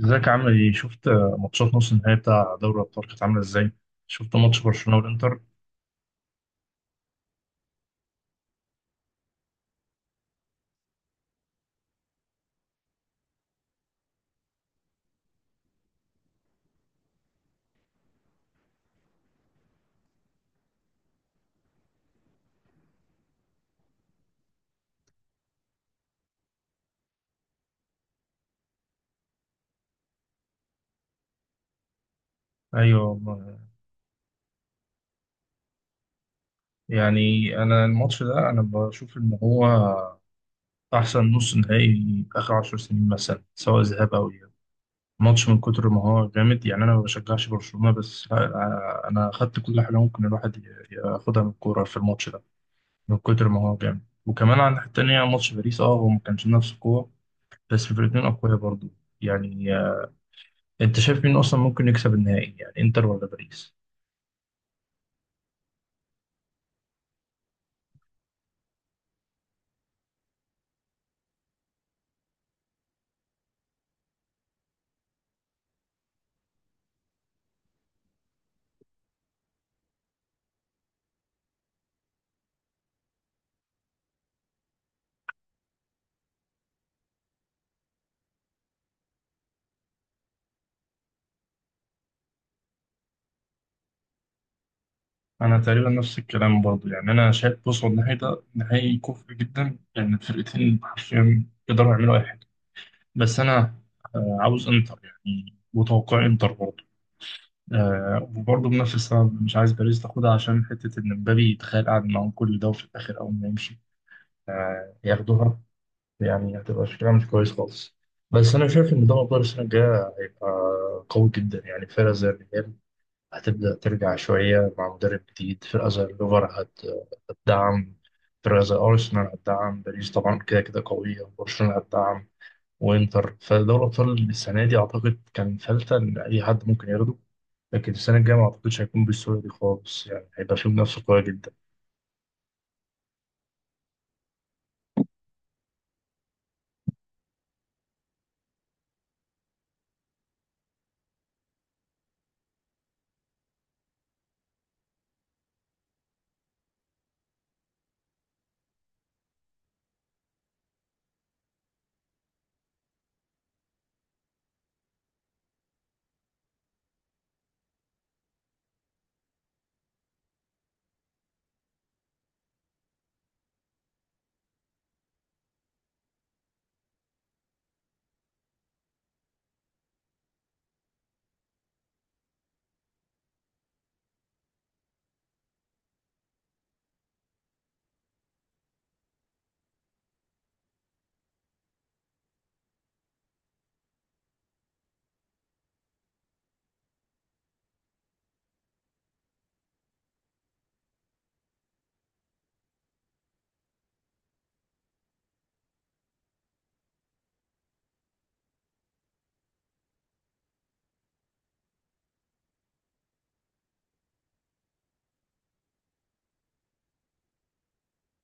ازيك عامل ايه؟ شفت ماتشات نص النهائي بتاع دوري الابطال كانت عامله ازاي؟ شفت ماتش برشلونه والانتر؟ ايوه والله. يعني انا الماتش ده انا بشوف ان هو احسن نص نهائي اخر 10 سنين مثلا سواء ذهاب او اياب. ماتش من كتر ما هو جامد، يعني انا ما بشجعش برشلونه، بس لا، انا اخدت كل حاجه ممكن الواحد ياخدها من الكوره في الماتش ده من كتر ما هو جامد. وكمان على الناحيه التانيه ماتش باريس، هو ما كانش نفس القوه، بس الفرقتين اقوياء برضو. يعني انت شايف مين اصلا ممكن يكسب النهائي؟ يعني انتر ولا باريس؟ انا تقريبا نفس الكلام برضه، يعني انا شايف، بص هو النهائي ده نهائي كفء جدا لان الفرقتين حرفيا يقدروا يعملوا اي حاجه. بس انا عاوز انتر يعني، وتوقع انتر برضه. وبرضه بنفس السبب مش عايز باريس تاخدها عشان حته ان مبابي يتخيل قاعد معاهم كل ده وفي الاخر اول ما يمشي ياخدوها، يعني هتبقى شكلها مش كويس خالص. بس انا شايف ان دوري ابطال السنه الجايه هيبقى قوي جدا، يعني فرقه زي الريال هتبدأ ترجع شوية مع مدرب جديد، فرقة زي الليفر هتدعم، فرقة زي أرسنال هتدعم، باريس طبعا كده كده قوية، برشلونة هتدعم، وإنتر. فدوري الأبطال السنة دي أعتقد كان فلتة إن أي حد ممكن ياخده، لكن السنة الجاية ما أعتقدش هيكون بالسهولة دي خالص، يعني هيبقى فيه منافسة قوية جدا.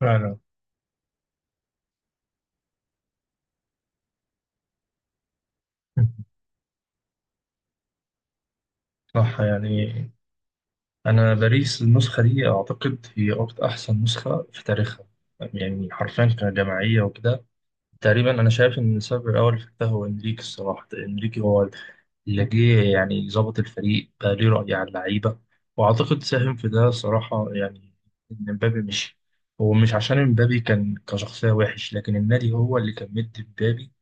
فعلا. صح يعني. أنا باريس النسخة دي أعتقد هي أكتر أحسن نسخة في تاريخها، يعني حرفيا كجماعية وكده. تقريبا انا شايف ان السبب الاول في ده هو انريكي، الصراحه انريكي هو اللي جه يعني ظبط الفريق، بقى ليه راي على اللعيبه، واعتقد ساهم في ده صراحه، يعني ان مبابي مشي. هو مش عشان مبابي كان كشخصيه وحش، لكن النادي هو اللي كان مدي مبابي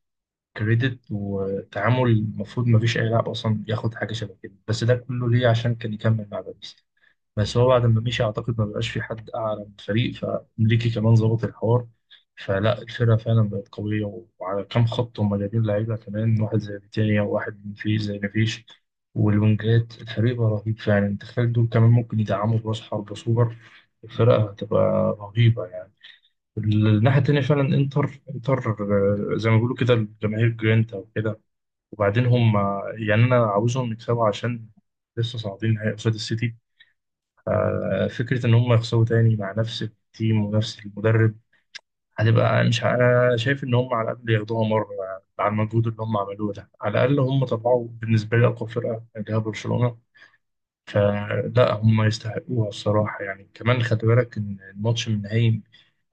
كريدت وتعامل المفروض ما فيش اي لاعب اصلا ياخد حاجه شبه كده، بس ده كله ليه عشان كان يكمل مع باريس. بس هو بعد ما مشي اعتقد ما بقاش في حد اعلى من الفريق، فانريكي كمان ظبط الحوار، فلا الفرقه فعلا بقت قويه، وعلى كام خط هم جايبين لعيبه كمان، واحد زي فيتينيا وواحد من فيه زي نفيش والوينجات. الفريق بقى رهيب فعلا، انت تخيل دول كمان ممكن يدعموا براس حرب سوبر، الفرقه هتبقى رهيبه يعني. الناحيه التانيه فعلا، انتر، زي ما بيقولوا كده الجماهير جرينتا وكده. وبعدين هم يعني انا عاوزهم يكسبوا عشان لسه صاعدين نهائي قصاد السيتي، فكرة إن هم يخسروا تاني مع نفس التيم ونفس المدرب هتبقى مش أنا شايف إن هم على الأقل ياخدوها مرة، مع المجهود اللي هم عملوه ده، على الأقل هم طلعوا بالنسبة لي أقوى فرقة اللي هي برشلونة. فلا هم يستحقوها الصراحة يعني. كمان خلي بالك إن الماتش النهائي،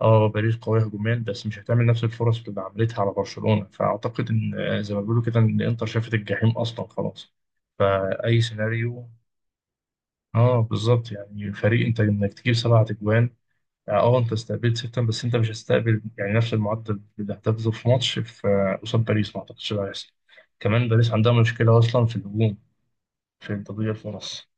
اه باريس قوية هجوميا بس مش هتعمل نفس الفرص اللي عملتها على برشلونة، فأعتقد إن زي ما بيقولوا كده إن الإنتر شافت الجحيم أصلا خلاص فأي سيناريو. اه بالظبط يعني، فريق انت انك تجيب سبعة اجوان، اه انت استقبلت ستة، بس انت مش هتستقبل يعني نفس المعدل اللي هتاخده في ماتش، في قصاد باريس ما اعتقدش ده هيحصل. كمان باريس عندها مشكلة اصلا في الهجوم، في التضييع في النص.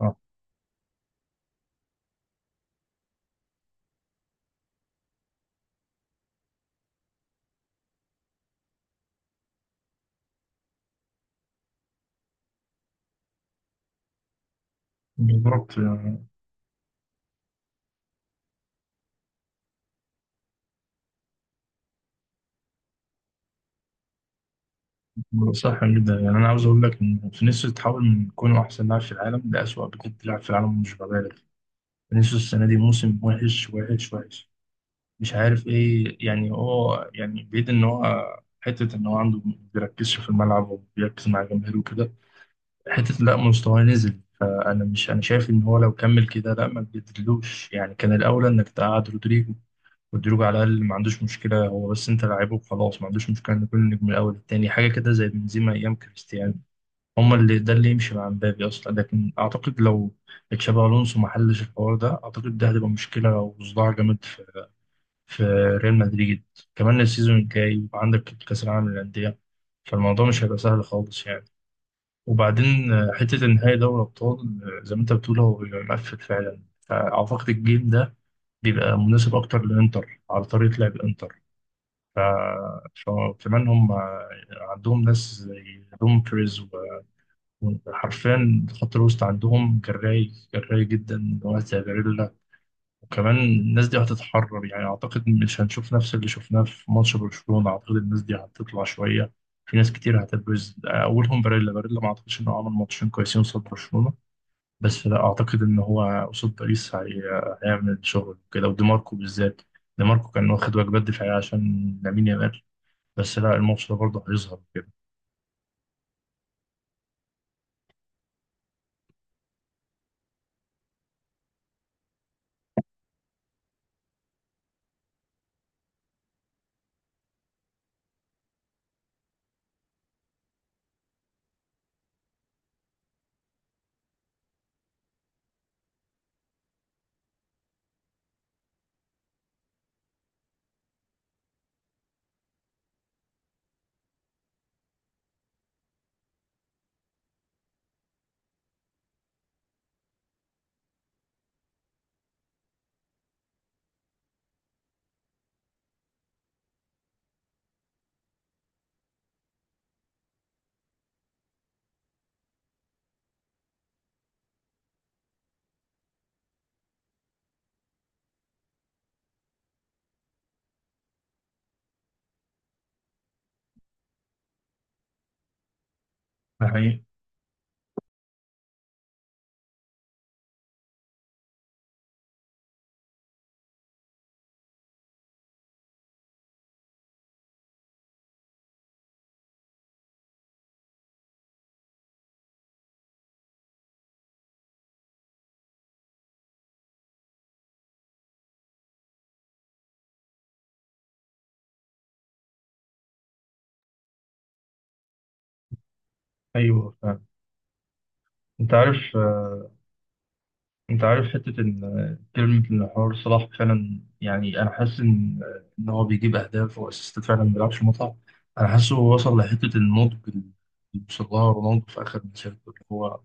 اه بالظبط يعني. صح جدا يعني، انا عاوز اقول لك ان فينيسيوس اتحول من كونه احسن لاعب في العالم لاسوأ بجد لاعب في العالم، مش ببالغ. فينيسيوس السنه دي موسم وحش وحش وحش. مش عارف ايه يعني، هو يعني بعيد ان هو حته ان هو عنده بيركزش في الملعب وبيركز مع جماهيره وكده، حتة لا مستواه نزل. فأنا مش، أنا شايف إن هو لو كمل كده لا ما تجددلوش يعني، كان الأولى إنك تقعد رودريجو. رودريجو على الأقل ما عندوش مشكلة هو بس أنت لاعبه وخلاص، ما عندوش مشكلة إن كل نجم الأول التاني حاجة كده زي بنزيما أيام كريستيانو، هما اللي ده اللي يمشي مع مبابي أصلا. لكن أعتقد لو تشابي ألونسو ما حلش الحوار ده أعتقد ده هتبقى مشكلة وصداع جامد في ريال مدريد. كمان السيزون الجاي وعندك كأس العالم للأندية، فالموضوع مش هيبقى سهل خالص يعني. وبعدين حتة النهائي دوري أبطال، زي ما أنت بتقول هو بيبقى مقفل فعلا، فأعتقد الجيل ده بيبقى مناسب أكتر للإنتر على طريقة لعب الإنتر. ف... فكمان هم عندهم ناس زي دومفريز وحرفيا خط الوسط عندهم جراي جراي جدا وقت جاريلا. وكمان الناس دي هتتحرر يعني، أعتقد مش هنشوف نفس اللي شفناه في ماتش برشلونة، أعتقد الناس دي هتطلع شوية. في ناس كتير هتبرز اولهم باريلا، باريلا ما اعتقدش انه عمل ماتشين كويسين قصاد برشلونه بس لا اعتقد ان هو قصاد باريس هيعمل شغل كده، ودي ماركو بالذات. دي ماركو كان واخد واجبات دفاعيه عشان لامين يامال، بس لا الماتش ده برضه هيظهر كده. ده حقيقي. ايوه فعلا. انت عارف انت عارف حته ان كلمه، ان حوار صلاح فعلا، يعني انا حاسس ان هو بيجيب اهداف واسيستات فعلا، ما بيلعبش متعه. انا حاسه هو وصل لحته النضج اللي وصل لها رونالدو في اخر مسيرته، اللي هو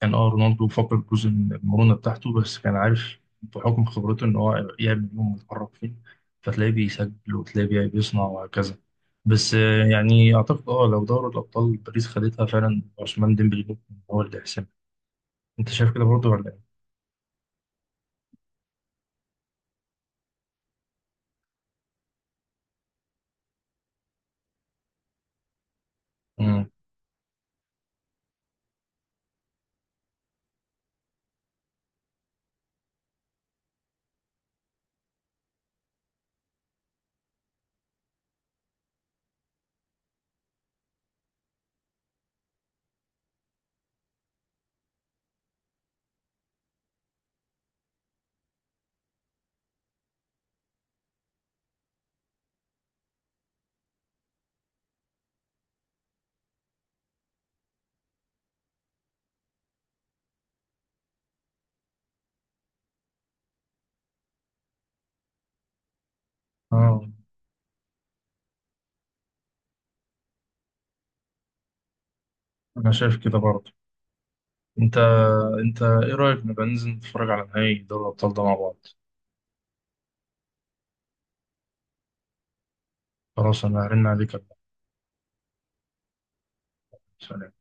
كان رونالدو فقد جزء من المرونة بتاعته بس كان عارف بحكم خبرته ان هو يعمل يوم ويتحرك فين، فتلاقيه بيسجل وتلاقيه بيصنع وهكذا. بس يعني اعتقد لو دوري الابطال باريس خدتها فعلا عثمان ديمبلي ممكن هو اللي يحسمها. انت شايف كده برضه ولا ايه؟ مم. اه انا شايف كده برضه. انت انت ايه رايك نبقى ننزل نتفرج على نهائي دوري الابطال ده مع بعض؟ خلاص انا هرن عليك. سلام.